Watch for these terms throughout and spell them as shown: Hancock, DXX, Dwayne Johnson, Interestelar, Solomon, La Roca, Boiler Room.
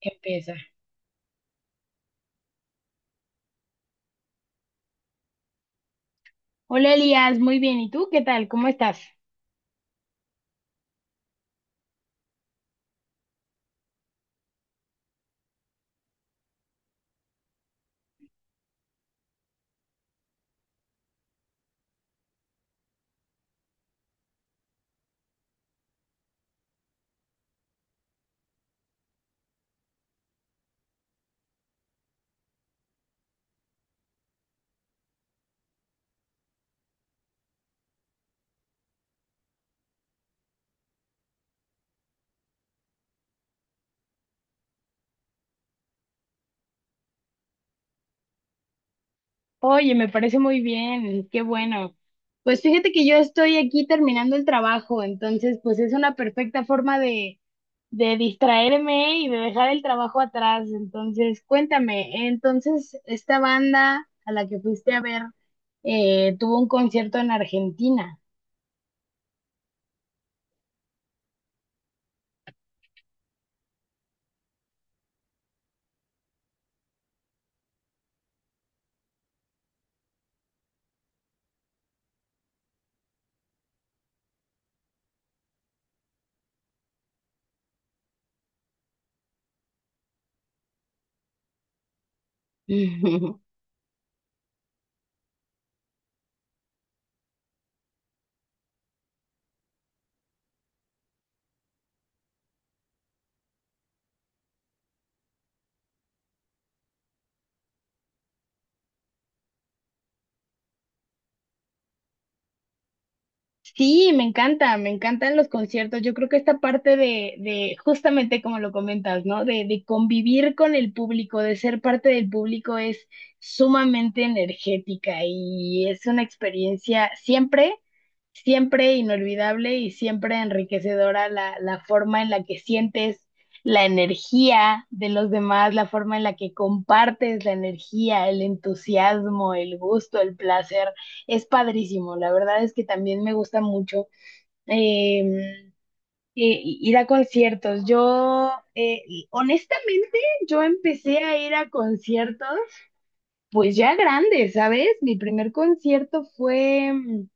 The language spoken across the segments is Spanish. Empieza. Hola Elías, muy bien. ¿Y tú qué tal? ¿Cómo estás? Oye, me parece muy bien, qué bueno. Pues fíjate que yo estoy aquí terminando el trabajo, entonces pues es una perfecta forma de distraerme y de dejar el trabajo atrás. Entonces, cuéntame, entonces esta banda a la que fuiste a ver tuvo un concierto en Argentina. Sí, me encanta, me encantan los conciertos. Yo creo que esta parte de, justamente como lo comentas, ¿no? De convivir con el público, de ser parte del público es sumamente energética y es una experiencia siempre, siempre inolvidable y siempre enriquecedora la forma en la que sientes la energía de los demás, la forma en la que compartes la energía, el entusiasmo, el gusto, el placer es padrísimo. La verdad es que también me gusta mucho eh, ir a conciertos. Yo, honestamente, yo empecé a ir a conciertos pues ya grande, ¿sabes? Mi primer concierto fue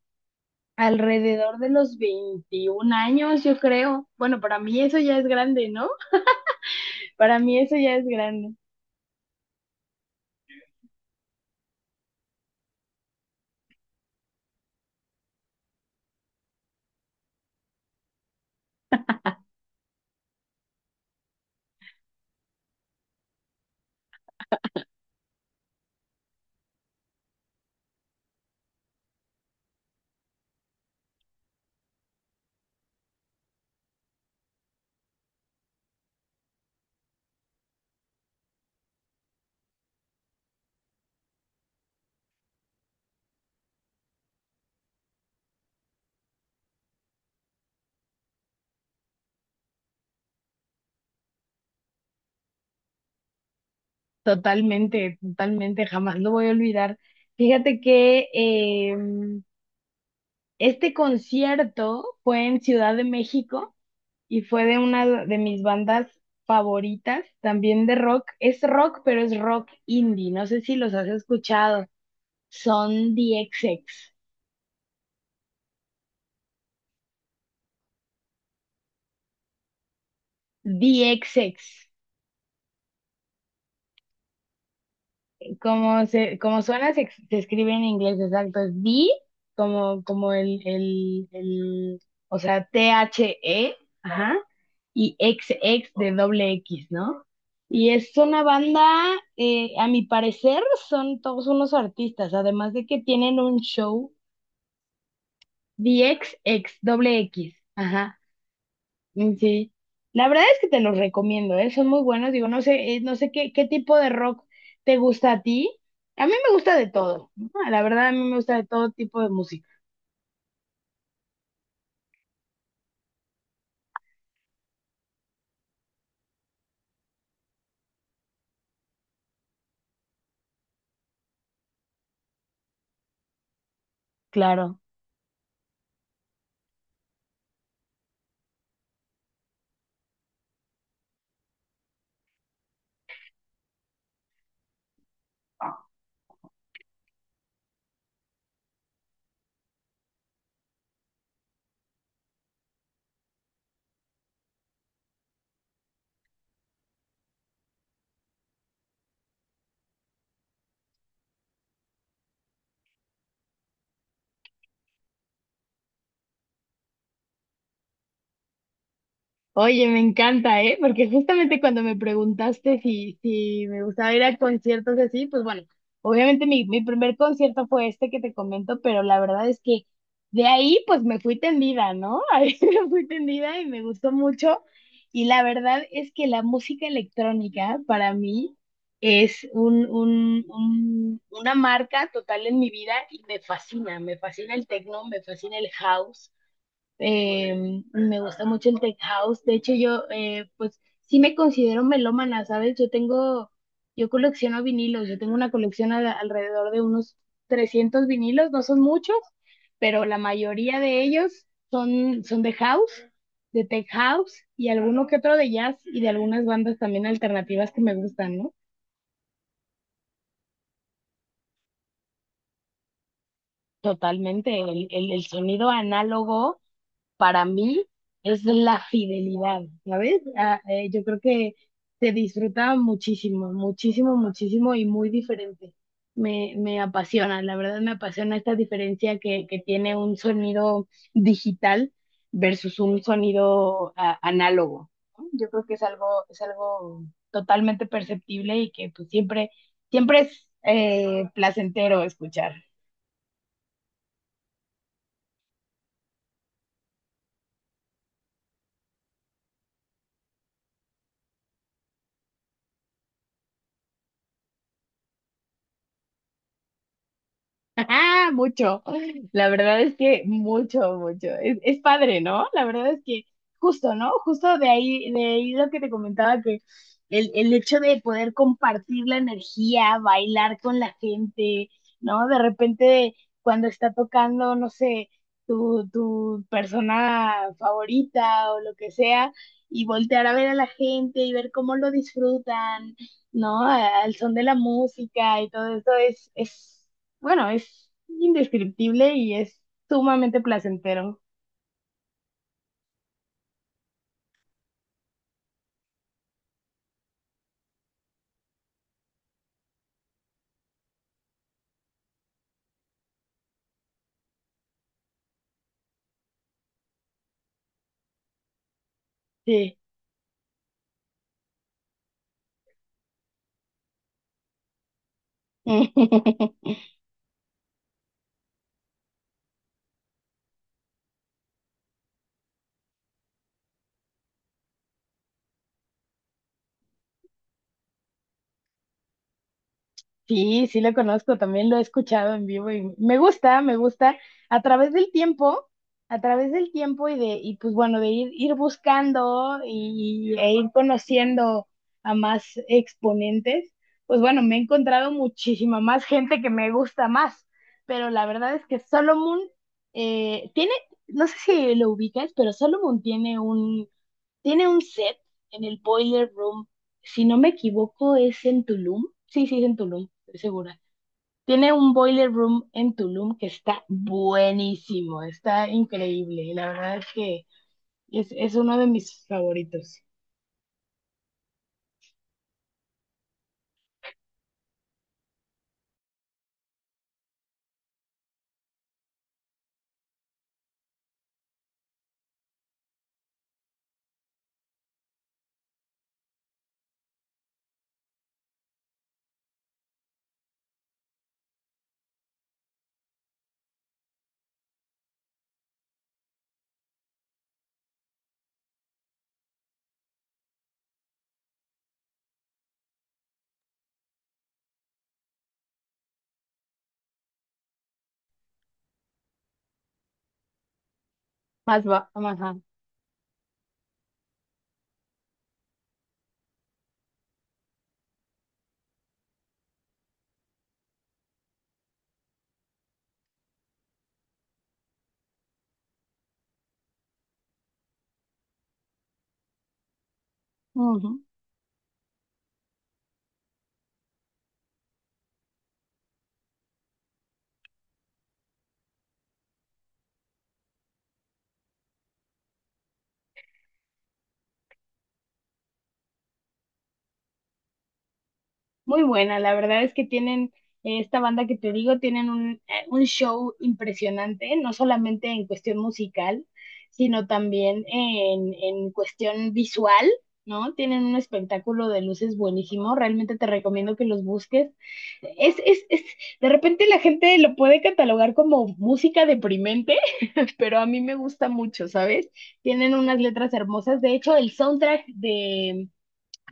alrededor de los 21 años, yo creo. Bueno, para mí eso ya es grande, ¿no? Para mí eso ya es grande. Totalmente, totalmente, jamás lo voy a olvidar. Fíjate que este concierto fue en Ciudad de México y fue de una de mis bandas favoritas, también de rock. Es rock, pero es rock indie. No sé si los has escuchado. Son DXX. DXX. Como suena, se escribe en inglés, exacto. Es D, como, el, o sea, T-H-E, ajá, y X, X de doble X, ¿no? Y es una banda, a mi parecer, son todos unos artistas, además de que tienen un show d x x doble X. Mm, sí, la verdad es que te los recomiendo, ¿eh? Son muy buenos. Digo, no sé, no sé qué, qué tipo de rock te gusta a ti. A mí me gusta de todo, ¿no? La verdad, a mí me gusta de todo tipo de música. Claro. Oye, me encanta, ¿eh? Porque justamente cuando me preguntaste si me gustaba ir a conciertos así, pues bueno, obviamente mi primer concierto fue este que te comento, pero la verdad es que de ahí pues me fui tendida, ¿no? Ahí me fui tendida y me gustó mucho. Y la verdad es que la música electrónica para mí es una marca total en mi vida y me fascina el techno, me fascina el house. Eh, me gusta mucho el tech house. De hecho, yo, pues, sí me considero melómana, ¿sabes? Yo tengo, yo colecciono vinilos. Yo tengo una colección alrededor de unos 300 vinilos. No son muchos, pero la mayoría de ellos son, son de house, de tech house y alguno que otro de jazz y de algunas bandas también alternativas que me gustan, ¿no? Totalmente, el sonido análogo para mí es la fidelidad, ¿sabes? Ah, yo creo que se disfruta muchísimo, muchísimo, muchísimo y muy diferente. Me apasiona, la verdad me apasiona esta diferencia que tiene un sonido digital versus un sonido ah, análogo. ¿No? Yo creo que es algo totalmente perceptible y que pues siempre, siempre es placentero escuchar. Ajá, mucho. La verdad es que mucho, mucho. Es padre, ¿no? La verdad es que justo, ¿no? Justo de ahí lo que te comentaba, que el hecho de poder compartir la energía, bailar con la gente, ¿no? De repente, cuando está tocando, no sé, tu persona favorita o lo que sea, y voltear a ver a la gente y ver cómo lo disfrutan, ¿no? A- al son de la música y todo eso es, es. Bueno, es indescriptible y es sumamente placentero. Sí. Sí, sí lo conozco, también lo he escuchado en vivo y me gusta a través del tiempo, a través del tiempo y pues bueno, de ir, ir buscando y, e ir conociendo a más exponentes, pues bueno, me he encontrado muchísima más gente que me gusta más, pero la verdad es que Solomon tiene, no sé si lo ubicas, pero Solomon tiene un. Tiene un set en el Boiler Room. Si no me equivoco, es en Tulum. Sí, sí, es en Tulum, estoy segura. Tiene un Boiler Room en Tulum que está buenísimo, está increíble. Y la verdad es que es uno de mis favoritos. Más va, más, ajá. Ujú. Muy buena, la verdad es que tienen, esta banda que te digo, tienen un show impresionante, no solamente en cuestión musical, sino también en cuestión visual, ¿no? Tienen un espectáculo de luces buenísimo, realmente te recomiendo que los busques. Es, de repente la gente lo puede catalogar como música deprimente, pero a mí me gusta mucho, ¿sabes? Tienen unas letras hermosas, de hecho, el soundtrack de.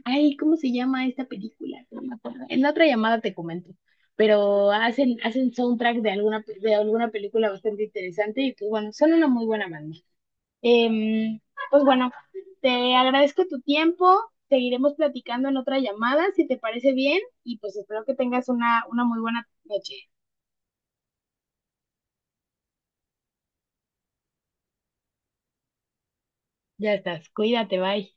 Ay, ¿cómo se llama esta película? No me acuerdo. En la otra llamada te comento. Pero hacen, hacen soundtrack de alguna, pe- de alguna película bastante interesante y pues bueno, son una muy buena banda. Em, pues bueno, te agradezco tu tiempo. Seguiremos platicando en otra llamada, si te parece bien, y pues espero que tengas una muy buena noche. Ya estás, cuídate, bye.